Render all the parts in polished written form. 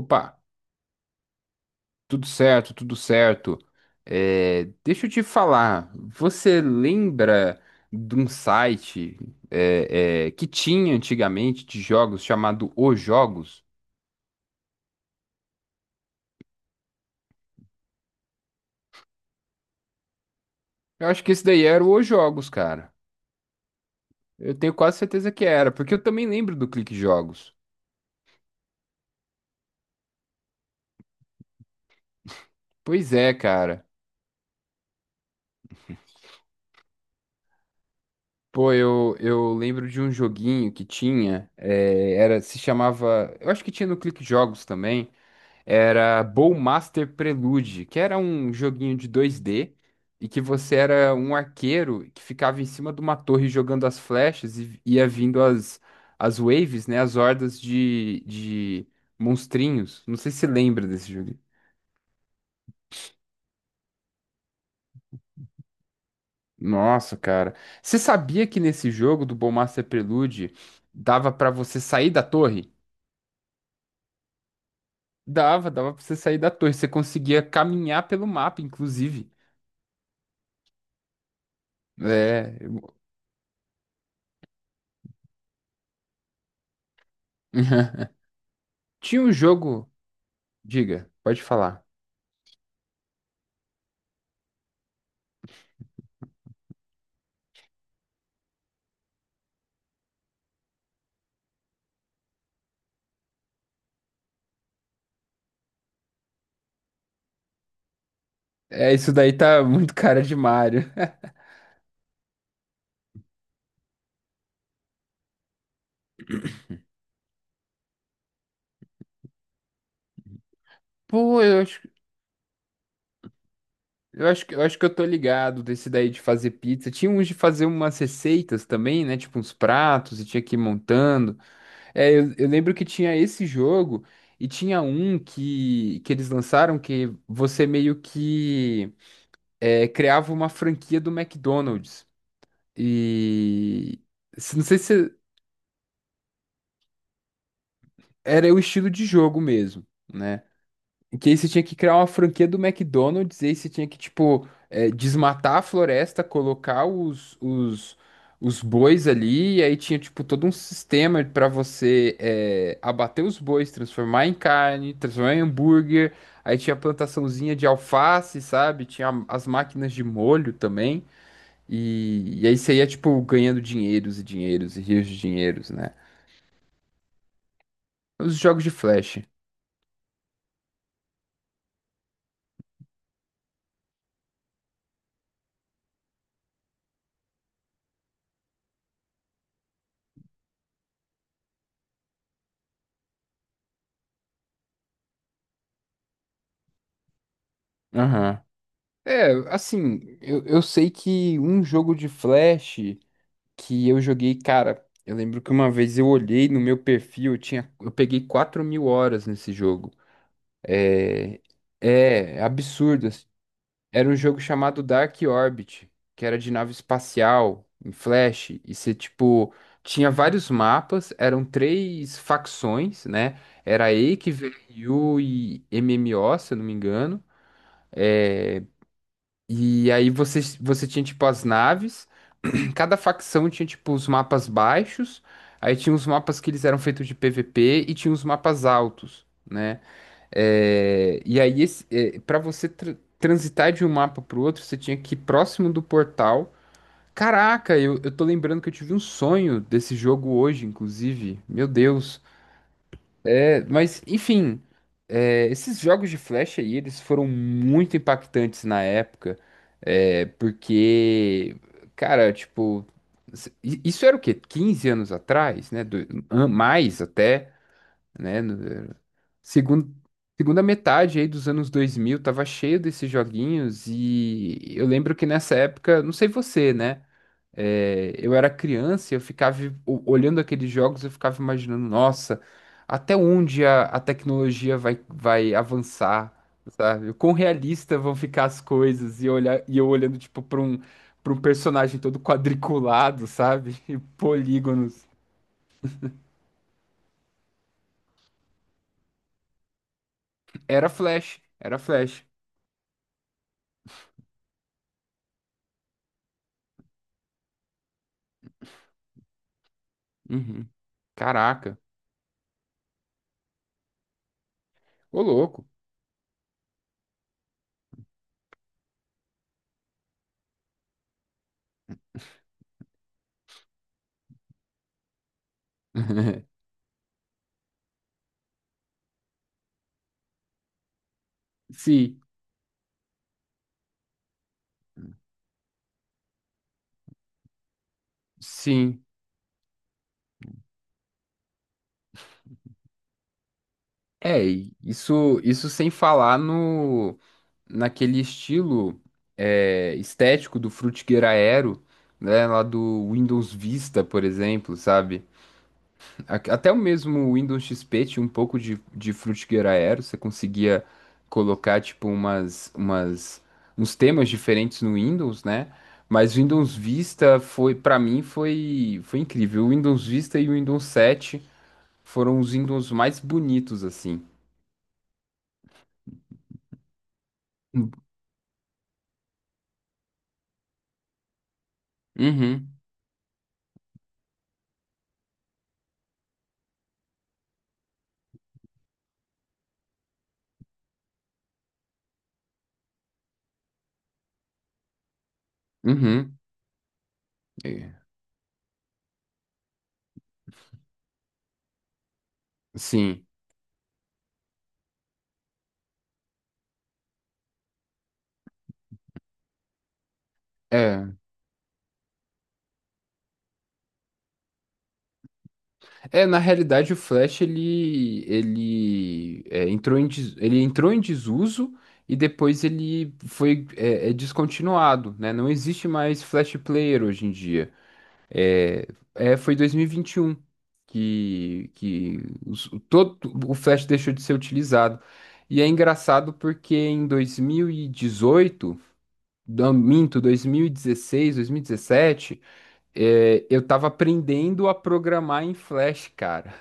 Opa, tudo certo, tudo certo. É, deixa eu te falar, você lembra de um site que tinha antigamente de jogos chamado Os Jogos? Eu acho que esse daí era o Os Jogos, cara. Eu tenho quase certeza que era, porque eu também lembro do Clique Jogos. Pois é, cara. Pô, eu lembro de um joguinho que tinha, se chamava, eu acho que tinha no Clique Jogos também. Era Bowmaster Prelude, que era um joguinho de 2D e que você era um arqueiro que ficava em cima de uma torre jogando as flechas e ia vindo as waves, né? As hordas de monstrinhos. Não sei se você lembra desse jogo. Nossa, cara. Você sabia que nesse jogo do Bowmaster Prelude dava pra você sair da torre? Dava pra você sair da torre. Você conseguia caminhar pelo mapa, inclusive. É. Tinha um jogo. Diga, pode falar. É, isso daí tá muito cara de Mario. Pô, eu acho, eu acho que eu tô ligado desse daí de fazer pizza. Tinha uns de fazer umas receitas também, né? Tipo uns pratos e tinha que ir montando. É, eu lembro que tinha esse jogo e tinha um que eles lançaram que você meio que criava uma franquia do McDonald's. E não sei se era o estilo de jogo mesmo, né? Que aí você tinha que criar uma franquia do McDonald's, e aí você tinha que, tipo, desmatar a floresta, colocar os bois ali, e aí tinha, tipo, todo um sistema pra você abater os bois, transformar em carne, transformar em hambúrguer, aí tinha a plantaçãozinha de alface, sabe? Tinha as máquinas de molho também, e aí você ia, tipo, ganhando dinheiros e dinheiros e rios de dinheiros, né? Os jogos de flash. Aham. É, assim, eu sei que um jogo de Flash que eu joguei, cara, eu lembro que uma vez eu olhei no meu perfil, eu tinha, eu peguei 4.000 horas nesse jogo. É, é absurdo, assim. Era um jogo chamado Dark Orbit, que era de nave espacial, em Flash, e você, tipo, tinha vários mapas, eram três facções, né? Era EIC, VRU e MMO, se eu não me engano. É, e aí você tinha, tipo, as naves, cada facção tinha, tipo, os mapas baixos, aí tinha os mapas que eles eram feitos de PVP e tinha os mapas altos, né? É, e aí, para você transitar de um mapa pro outro, você tinha que ir próximo do portal. Caraca, eu tô lembrando que eu tive um sonho desse jogo hoje, inclusive. Meu Deus. É, mas, enfim, esses jogos de flash aí, eles foram muito impactantes na época, porque, cara, tipo, isso era o quê? 15 anos atrás, né? Mais até, né? Segundo, segunda metade aí dos anos 2000 tava cheio desses joguinhos e eu lembro que nessa época, não sei você, né? É, eu era criança, e eu ficava olhando aqueles jogos, eu ficava imaginando, nossa, até onde a tecnologia vai avançar, sabe? O quão realista vão ficar as coisas e eu olhar e eu olhando tipo para um personagem todo quadriculado, sabe? E polígonos. Era Flash, era Flash. Uhum. Caraca, ô louco. Sim, sim. É, e isso sem falar no naquele estilo estético do Frutiger Aero, né, lá do Windows Vista, por exemplo, sabe? Até o mesmo Windows XP tinha um pouco de Frutiger Aero, você conseguia colocar, tipo, uns temas diferentes no Windows, né? Mas o Windows Vista foi, para mim, foi incrível. O Windows Vista e o Windows 7 foram os Windows mais bonitos, assim. Uhum, uhum. É, sim. É. É, na realidade o Flash ele entrou em des- ele entrou em desuso e depois ele foi descontinuado, né? Não existe mais Flash Player hoje em dia. É, foi 2021 que todo o Flash deixou de ser utilizado. E é engraçado porque em 2018, não, minto, 2016, 2017. É, eu tava aprendendo a programar em Flash, cara.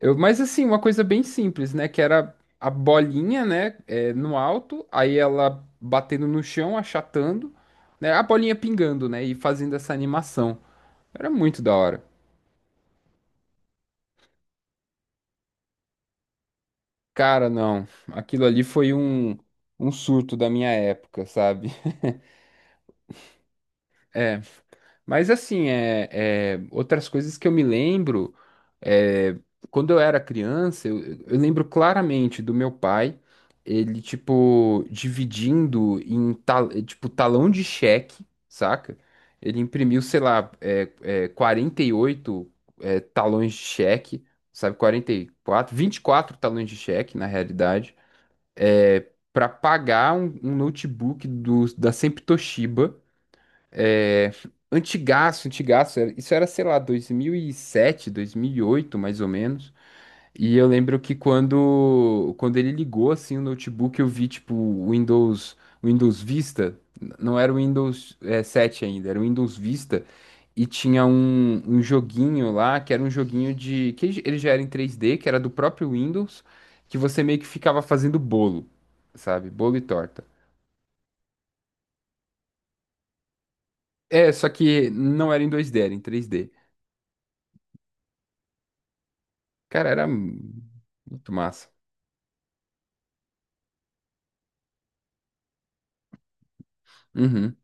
Eu, mas assim, uma coisa bem simples, né? Que era a bolinha, né? No alto, aí ela batendo no chão, achatando, né? A bolinha pingando, né? E fazendo essa animação. Era muito da hora. Cara, não. Aquilo ali foi um surto da minha época, sabe? É. Mas assim, outras coisas que eu me lembro, é, quando eu era criança, eu lembro claramente do meu pai, ele, tipo, dividindo em, tal, tipo, talão de cheque, saca? Ele imprimiu, sei lá, 48 talões de cheque, sabe? 44, 24 talões de cheque, na realidade, é, para pagar um notebook da Sempre Toshiba, é, antigaço, antigaço. Isso era, sei lá, dois mil e sete, 2008, mais ou menos. E eu lembro que quando ele ligou, assim, o notebook, eu vi, tipo, o Windows Vista. Não era o Windows, 7 ainda, era o Windows Vista. E tinha um joguinho lá, que era um joguinho de... que ele já era em três d, que era do próprio Windows, que você meio que ficava fazendo bolo, sabe? Bolo e torta. É, só que não era em dois d, era em três d. Cara, era muito massa. Uhum.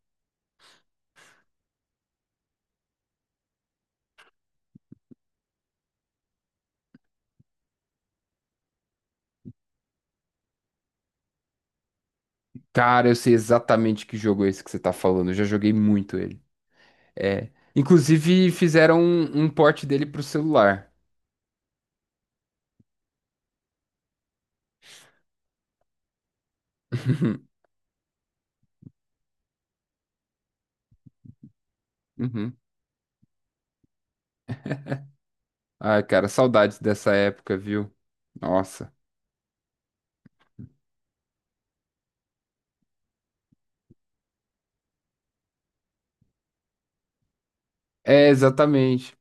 Cara, eu sei exatamente que jogo é esse que você tá falando. Eu já joguei muito ele. É. Inclusive, fizeram um port dele pro celular. Uhum. Ai, cara, saudades dessa época, viu? Nossa. É, exatamente.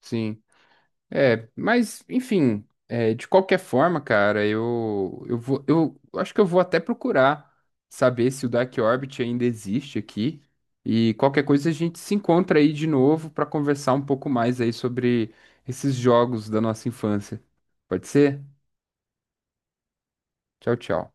Sim. É, mas, enfim, de qualquer forma, cara, eu vou, eu acho que eu vou até procurar saber se o Dark Orbit ainda existe aqui. E qualquer coisa a gente se encontra aí de novo para conversar um pouco mais aí sobre esses jogos da nossa infância. Pode ser? Tchau, tchau.